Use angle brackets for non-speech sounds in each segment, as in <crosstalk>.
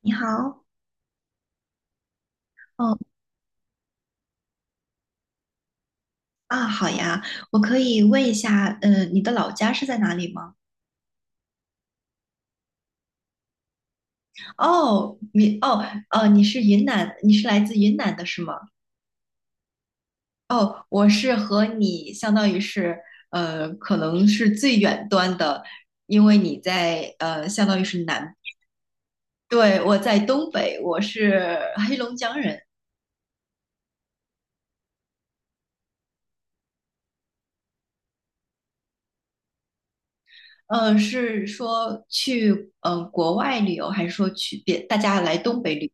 你好。哦啊，好呀。我可以问一下，你的老家是在哪里吗？哦，你哦哦，你是云南，你是来自云南的是吗？哦，我是和你相当于是，可能是最远端的。因为你在相当于是南。对，我在东北，我是黑龙江人。是说去国外旅游，还是说去别大家来东北旅？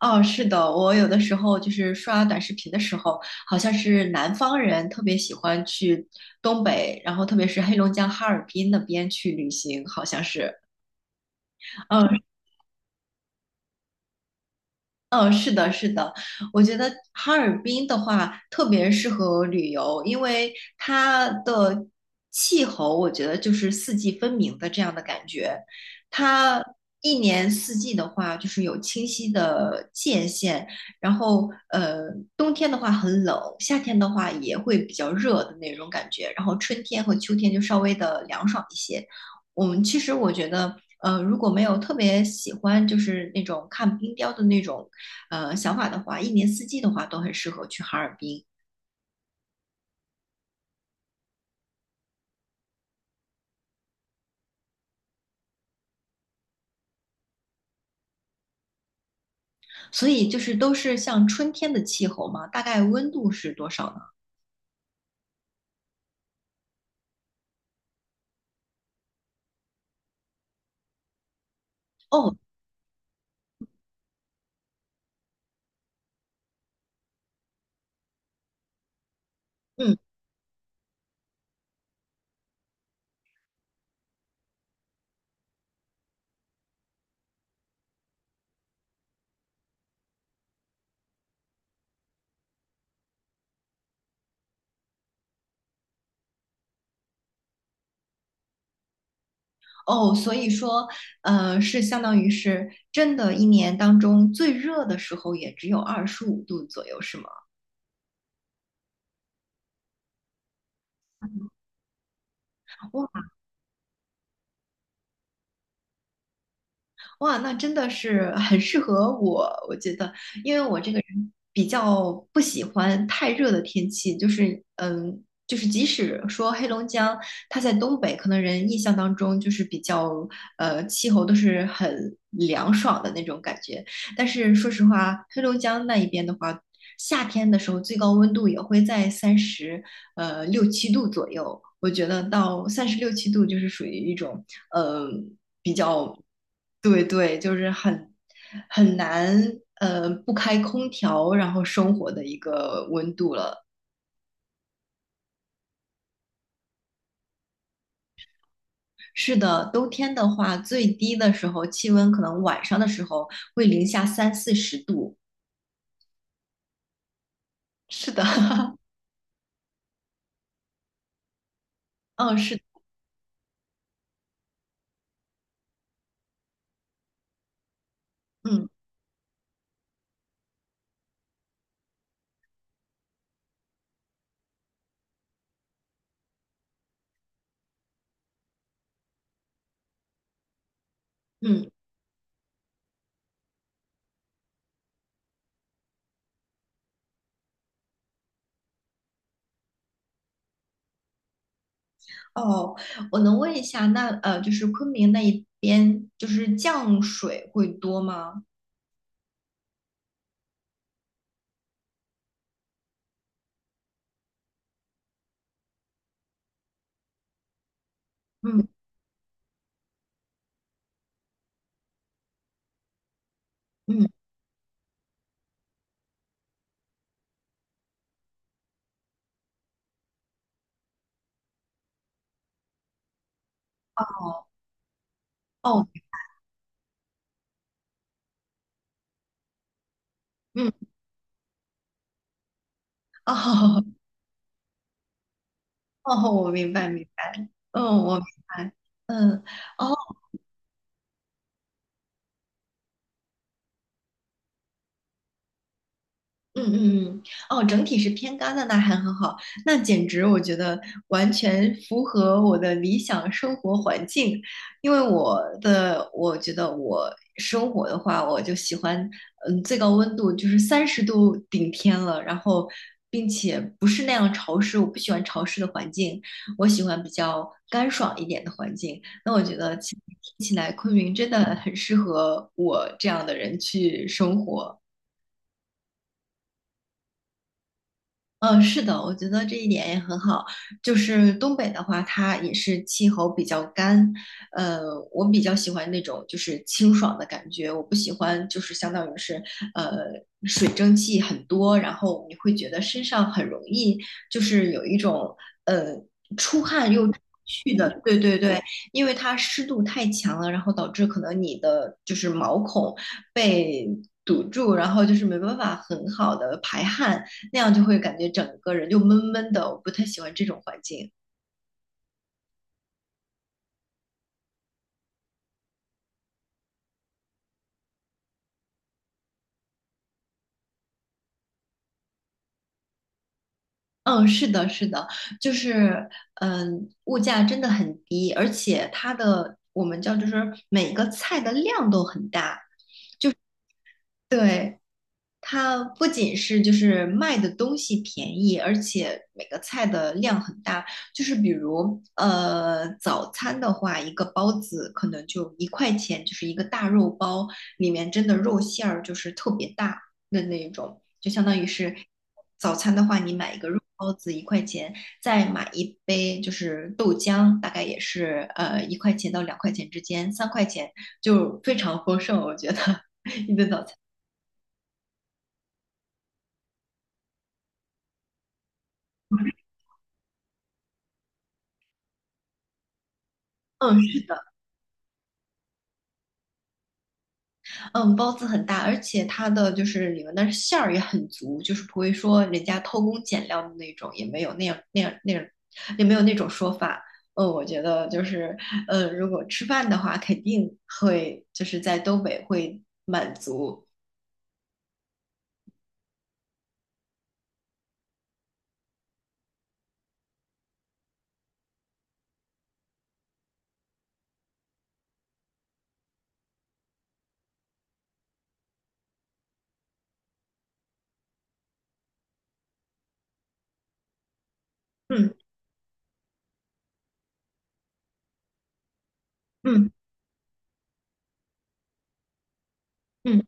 哦，是的。我有的时候就是刷短视频的时候，好像是南方人特别喜欢去东北，然后特别是黑龙江哈尔滨那边去旅行，好像是。嗯，嗯，是的，是的。我觉得哈尔滨的话特别适合旅游，因为它的气候，我觉得就是四季分明的这样的感觉。它一年四季的话，就是有清晰的界限。然后，冬天的话很冷，夏天的话也会比较热的那种感觉。然后春天和秋天就稍微的凉爽一些。我们其实我觉得，如果没有特别喜欢就是那种看冰雕的那种想法的话，一年四季的话都很适合去哈尔滨。所以就是都是像春天的气候嘛，大概温度是多少呢？哦，嗯。哦，所以说，是相当于是真的，一年当中最热的时候也只有25度左右，是吗？哇，那真的是 <laughs> 很适合我，我觉得。因为我这个人比较不喜欢太热的天气，就是就是即使说黑龙江它在东北，可能人印象当中就是比较气候都是很凉爽的那种感觉。但是说实话，黑龙江那一边的话，夏天的时候最高温度也会在三十六七度左右。我觉得到三十六七度就是属于一种。呃。比较，对对，就是很难，不开空调然后生活的一个温度了。是的，冬天的话，最低的时候气温可能晚上的时候会零下三四十度。是的，<laughs> 嗯，是。嗯嗯。哦，我能问一下，那就是昆明那一边，就是降水会多吗？嗯嗯，哦，嗯，哦，<laughs> 哦，我明白明白，嗯，我明白。嗯。哦，嗯嗯嗯。哦，整体是偏干的，那还很好。那简直我觉得完全符合我的理想生活环境。因为我觉得我生活的话，我就喜欢，嗯，最高温度就是30度顶天了，然后并且不是那样潮湿，我不喜欢潮湿的环境，我喜欢比较干爽一点的环境。那我觉得听起来昆明真的很适合我这样的人去生活。嗯，是的，我觉得这一点也很好。就是东北的话，它也是气候比较干。呃，我比较喜欢那种就是清爽的感觉，我不喜欢就是相当于是呃水蒸气很多，然后你会觉得身上很容易就是有一种呃出汗又出不去的，对对对。因为它湿度太强了，然后导致可能你的就是毛孔被堵住，然后就是没办法很好的排汗。那样就会感觉整个人就闷闷的，我不太喜欢这种环境。嗯，是的，是的。就是物价真的很低，而且它的我们叫就是每个菜的量都很大。对。它不仅是就是卖的东西便宜，而且每个菜的量很大。就是比如，早餐的话，一个包子可能就一块钱，就是一个大肉包，里面真的肉馅儿就是特别大的那一种，就相当于是早餐的话，你买一个肉包子一块钱，再买一杯就是豆浆，大概也是一块钱到2块钱之间，3块钱就非常丰盛，我觉得 <laughs> 一顿早餐。嗯，嗯，包子很大，而且它的就是里面的馅儿也很足，就是不会说人家偷工减料的那种，也没有那样那样那样，也没有那种说法。嗯，我觉得就是，如果吃饭的话，肯定会就是在东北会满。嗯嗯嗯。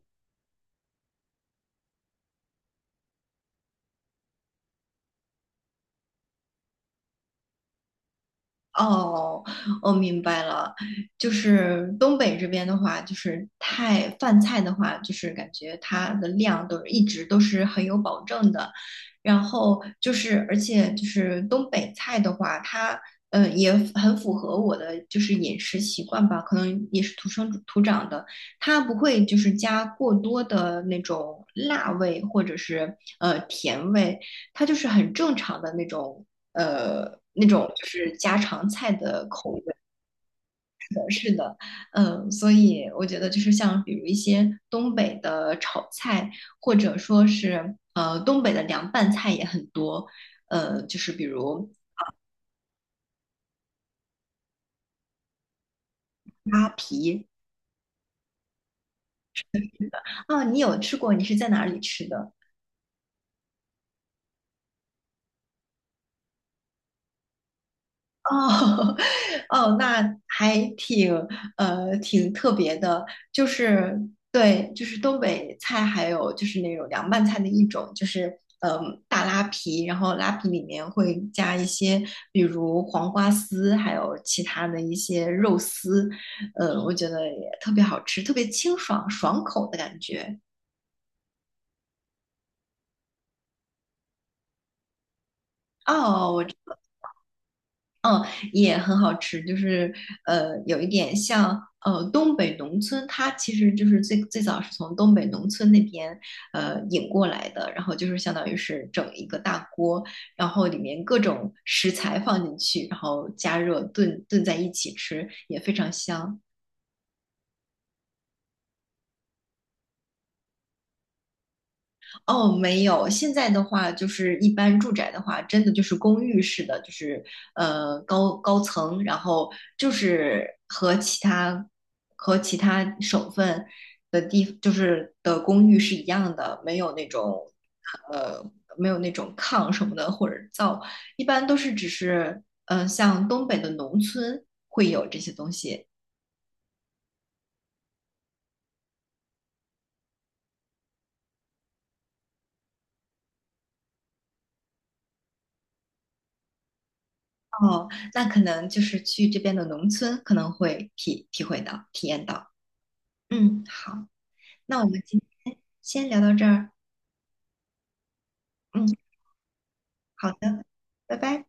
哦，我明白了。就是东北这边的话，就是太饭菜的话，就是感觉它的量都是一直都是很有保证的。然后就是，而且就是东北菜的话，它也很符合我的就是饮食习惯吧，可能也是土生土长的。它不会就是加过多的那种辣味或者是甜味，它就是很正常的那种就是家常菜的口味。是的。嗯，所以我觉得就是像比如一些东北的炒菜，或者说是东北的凉拌菜也很多。就是比如啊啊，你有吃过？你是在哪里吃的？哦 <laughs>，哦，那还挺特别的，就是对，就是东北菜，还有就是那种凉拌菜的一种，就是大拉皮，然后拉皮里面会加一些，比如黄瓜丝，还有其他的一些肉丝，我觉得也特别好吃，特别清爽爽口的感觉。哦。也很好吃，就是有一点像东北农村，它其实就是最最早是从东北农村那边引过来的，然后就是相当于是整一个大锅，然后里面各种食材放进去，然后加热炖炖在一起吃，也非常香。哦，没有。现在的话，就是一般住宅的话，真的就是公寓式的，就是高层，然后就是和其他省份就是的公寓是一样的，没有那种呃没有那种炕什么的或者灶，一般都是只是像东北的农村会有这些东西。哦，那可能就是去这边的农村可能会体验到。嗯，好。那我们今天先聊到这儿。嗯，好的，拜拜。